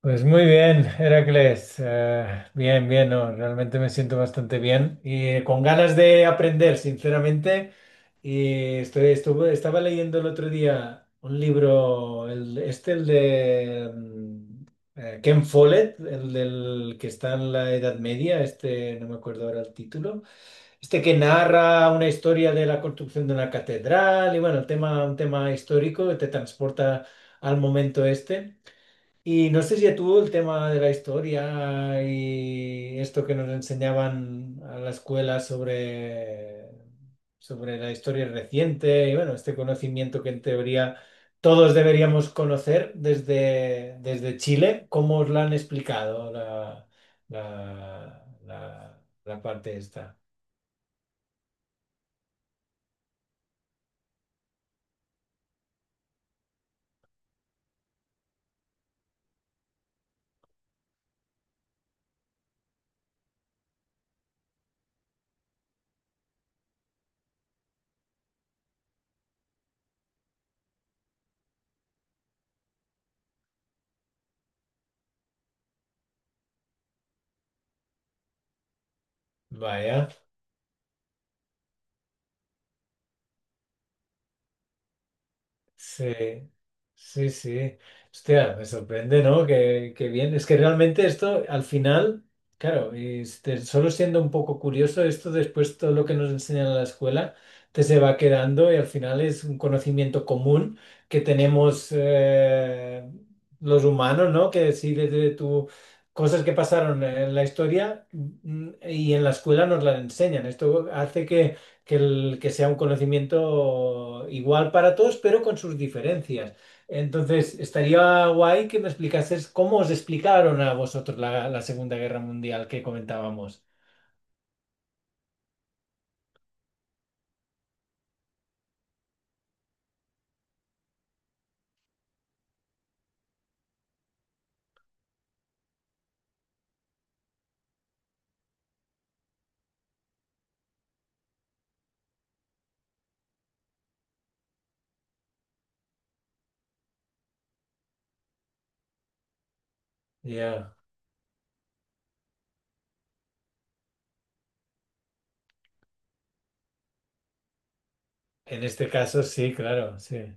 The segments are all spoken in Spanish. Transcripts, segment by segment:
Pues muy bien, Heracles. Bien, bien, no, realmente me siento bastante bien y con ganas de aprender, sinceramente. Y estaba leyendo el otro día un libro, el, este, el de Ken Follett, el del que está en la Edad Media, este, no me acuerdo ahora el título. Este que narra una historia de la construcción de una catedral y bueno, el tema, un tema histórico que te transporta al momento este. Y no sé si a tú el tema de la historia y esto que nos enseñaban a la escuela sobre la historia reciente y bueno, este conocimiento que en teoría todos deberíamos conocer desde Chile, ¿cómo os la han explicado la parte esta? Vaya. Sí, sí, sí. Hostia, me sorprende, ¿no? Que bien. Es que realmente esto, al final, claro, este, solo siendo un poco curioso, esto después todo lo que nos enseñan en la escuela te se va quedando y al final es un conocimiento común que tenemos los humanos, ¿no? Que sí, desde tu... Cosas que pasaron en la historia y en la escuela nos las enseñan. Esto hace que que sea un conocimiento igual para todos, pero con sus diferencias. Entonces, estaría guay que me explicases cómo os explicaron a vosotros la Segunda Guerra Mundial que comentábamos. Ya. En este caso, sí, claro, sí.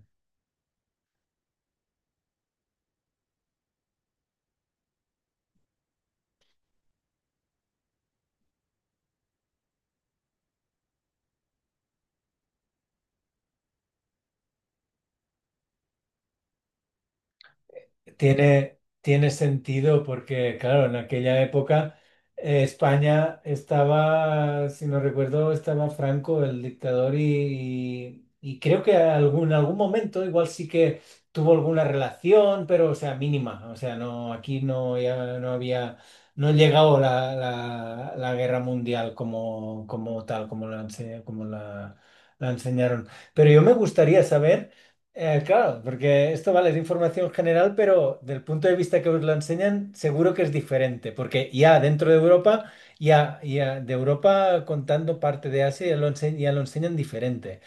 Tiene sentido porque, claro, en aquella época España estaba, si no recuerdo, estaba Franco, el dictador, y creo que en algún momento igual sí que tuvo alguna relación, pero, o sea, mínima. O sea, no, aquí no, ya no había, no ha llegado la guerra mundial como, como tal, como la enseñaron. Pero yo me gustaría saber... Claro, porque esto vale es información general, pero del punto de vista que os lo enseñan, seguro que es diferente, porque ya dentro de Europa, ya de Europa contando parte de Asia, ya lo enseñan diferente.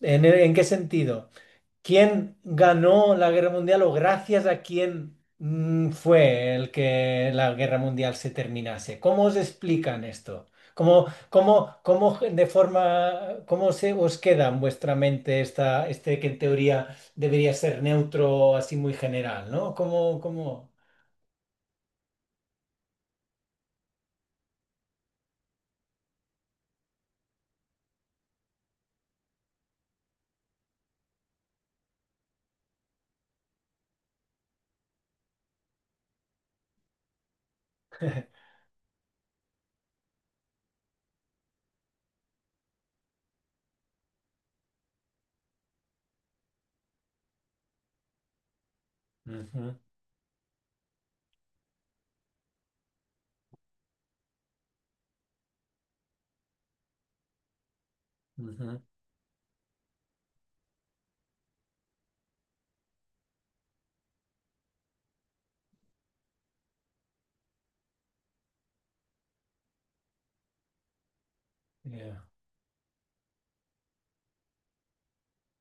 ¿En qué sentido? ¿Quién ganó la guerra mundial o gracias a quién fue el que la guerra mundial se terminase? ¿Cómo os explican esto? ¿Cómo de forma, cómo se os queda en vuestra mente este que en teoría debería ser neutro, así muy general, ¿no? ¿Cómo? Ujú, ujú. Ya.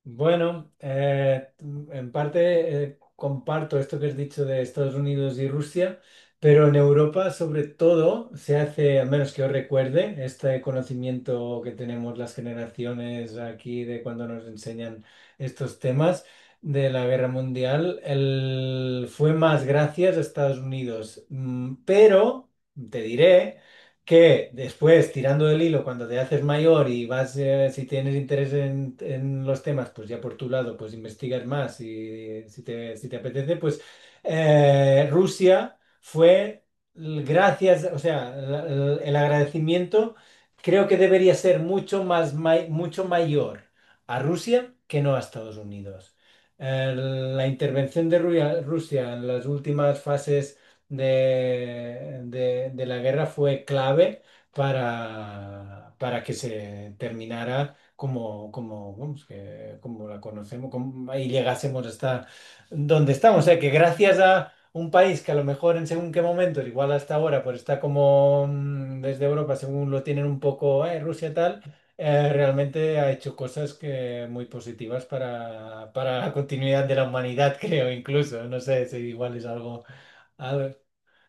Bueno, en parte comparto esto que has dicho de Estados Unidos y Rusia, pero en Europa sobre todo se hace, al menos que yo recuerde, este conocimiento que tenemos las generaciones aquí de cuando nos enseñan estos temas de la guerra mundial, fue más gracias a Estados Unidos. Pero, te diré que después, tirando del hilo, cuando te haces mayor y vas, si tienes interés en los temas, pues ya por tu lado, pues investigas más y si te apetece, pues Rusia fue, gracias, o sea, el agradecimiento creo que debería ser mucho más, mucho mayor a Rusia que no a Estados Unidos. La intervención de Rusia en las últimas fases de la guerra fue clave para que se terminara como, vamos, que, como la conocemos y llegásemos hasta donde estamos. O sea, que gracias a un país que a lo mejor en según qué momento, igual hasta ahora, pues está como desde Europa, según lo tienen un poco, Rusia tal. Realmente ha hecho cosas que muy positivas para la continuidad de la humanidad, creo, incluso. No sé si igual es algo,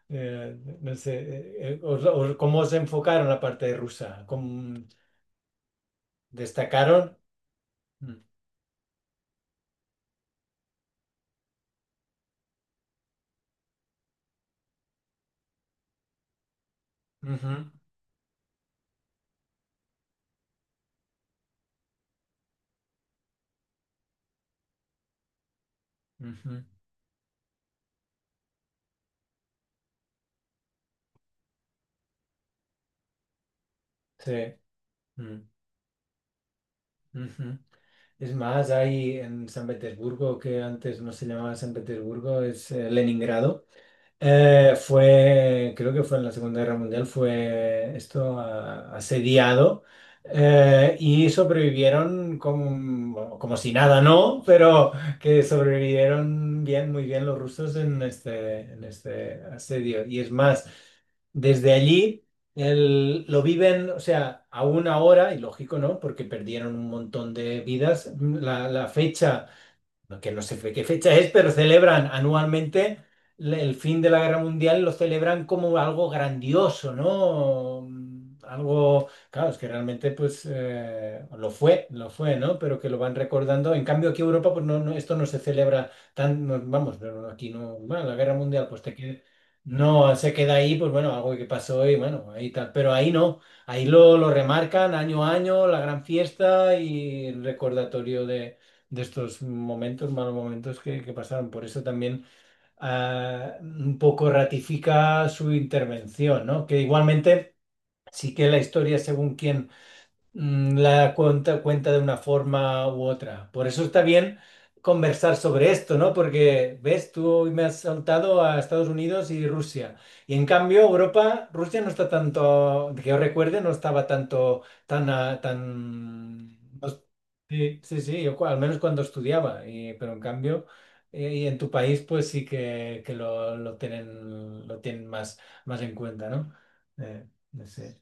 eh, no sé, ¿cómo os enfocaron la parte rusa? ¿Cómo destacaron? Mm, ujú, ujú, sí. Mm, ujú. Es más, hay en San Petersburgo, que antes no se llamaba San Petersburgo, es Leningrado. Fue, creo que fue en la Segunda Guerra Mundial, fue esto asediado y sobrevivieron como, bueno, como si nada, ¿no? Pero que sobrevivieron bien, muy bien los rusos en este asedio. Y es más, desde allí lo viven, o sea, aún ahora, y lógico, ¿no? Porque perdieron un montón de vidas, la fecha que no sé qué fecha es, pero celebran anualmente el fin de la Guerra Mundial, lo celebran como algo grandioso, ¿no? Algo, claro, es que realmente pues lo fue, ¿no? Pero que lo van recordando. En cambio aquí en Europa pues no, no, esto no se celebra tan, no, vamos, no, no, aquí no, bueno, la Guerra Mundial pues te queda, no se queda ahí, pues bueno, algo que pasó y bueno, ahí tal, pero ahí no. Ahí lo remarcan año a año, la gran fiesta y el recordatorio de estos momentos, malos momentos que pasaron. Por eso también un poco ratifica su intervención, ¿no? Que igualmente sí que la historia, según quién la cuenta, cuenta de una forma u otra. Por eso está bien conversar sobre esto, ¿no? Porque, ves, tú hoy me has saltado a Estados Unidos y Rusia. Y en cambio, Europa, Rusia no está tanto, que yo recuerde, no estaba tanto, tan, tan... no es- Sí, sí, sí, yo al menos cuando estudiaba, pero en cambio, y en tu país, pues sí que lo tienen más, más en cuenta, ¿no? Eh, no sé.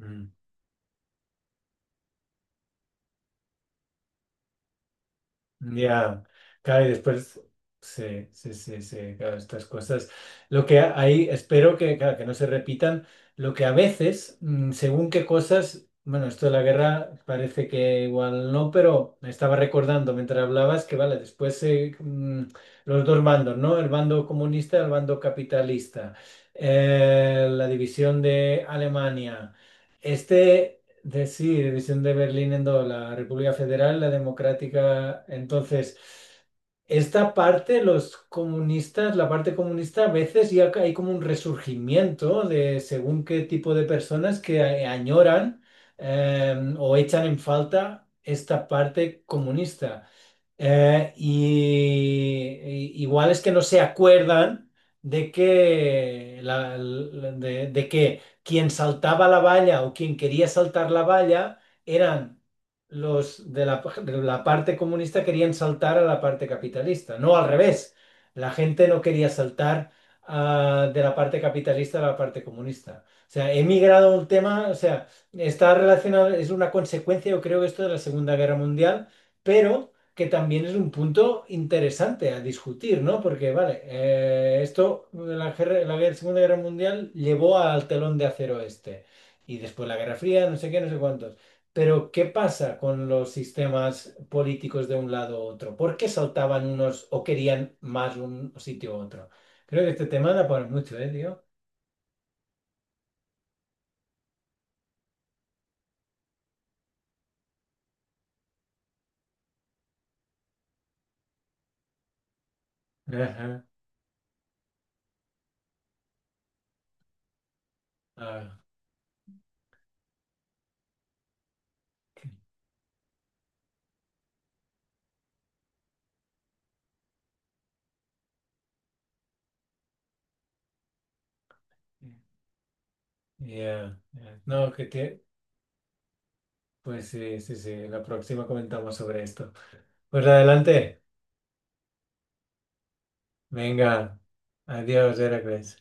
Mm. Ya, claro, y después, sí, sí, sí, sí, claro, estas cosas. Lo que ahí espero que, claro, que no se repitan, lo que a veces, según qué cosas, bueno, esto de la guerra parece que igual no, pero me estaba recordando mientras hablabas que, vale, después los dos bandos, ¿no? El bando comunista y el bando capitalista. La división de Alemania. Este... Sí, división de Berlín en dos, la República Federal, la Democrática. Entonces, esta parte, los comunistas, la parte comunista, a veces ya hay como un resurgimiento de según qué tipo de personas que añoran o echan en falta esta parte comunista. Igual es que no se acuerdan de que quien saltaba la valla o quien quería saltar la valla eran los de la parte comunista querían saltar a la parte capitalista, no al revés. La gente no quería saltar de la parte capitalista a la parte comunista. O sea, he migrado un tema, o sea, está relacionado, es una consecuencia, yo creo, esto de la Segunda Guerra Mundial, pero que también es un punto interesante a discutir, ¿no? Porque, vale, esto, la guerra- Segunda Guerra Mundial llevó al telón de acero este, y después la Guerra Fría, no sé qué, no sé cuántos. Pero, ¿qué pasa con los sistemas políticos de un lado u otro? ¿Por qué saltaban unos o querían más un sitio u otro? Creo que este tema da para mucho, ¿eh, tío? Ajá. Ah, qué- ya, ya. No, que te... Pues sí, sí, sí, la próxima comentamos sobre esto. Pues adelante. Venga, adiós, Heracles.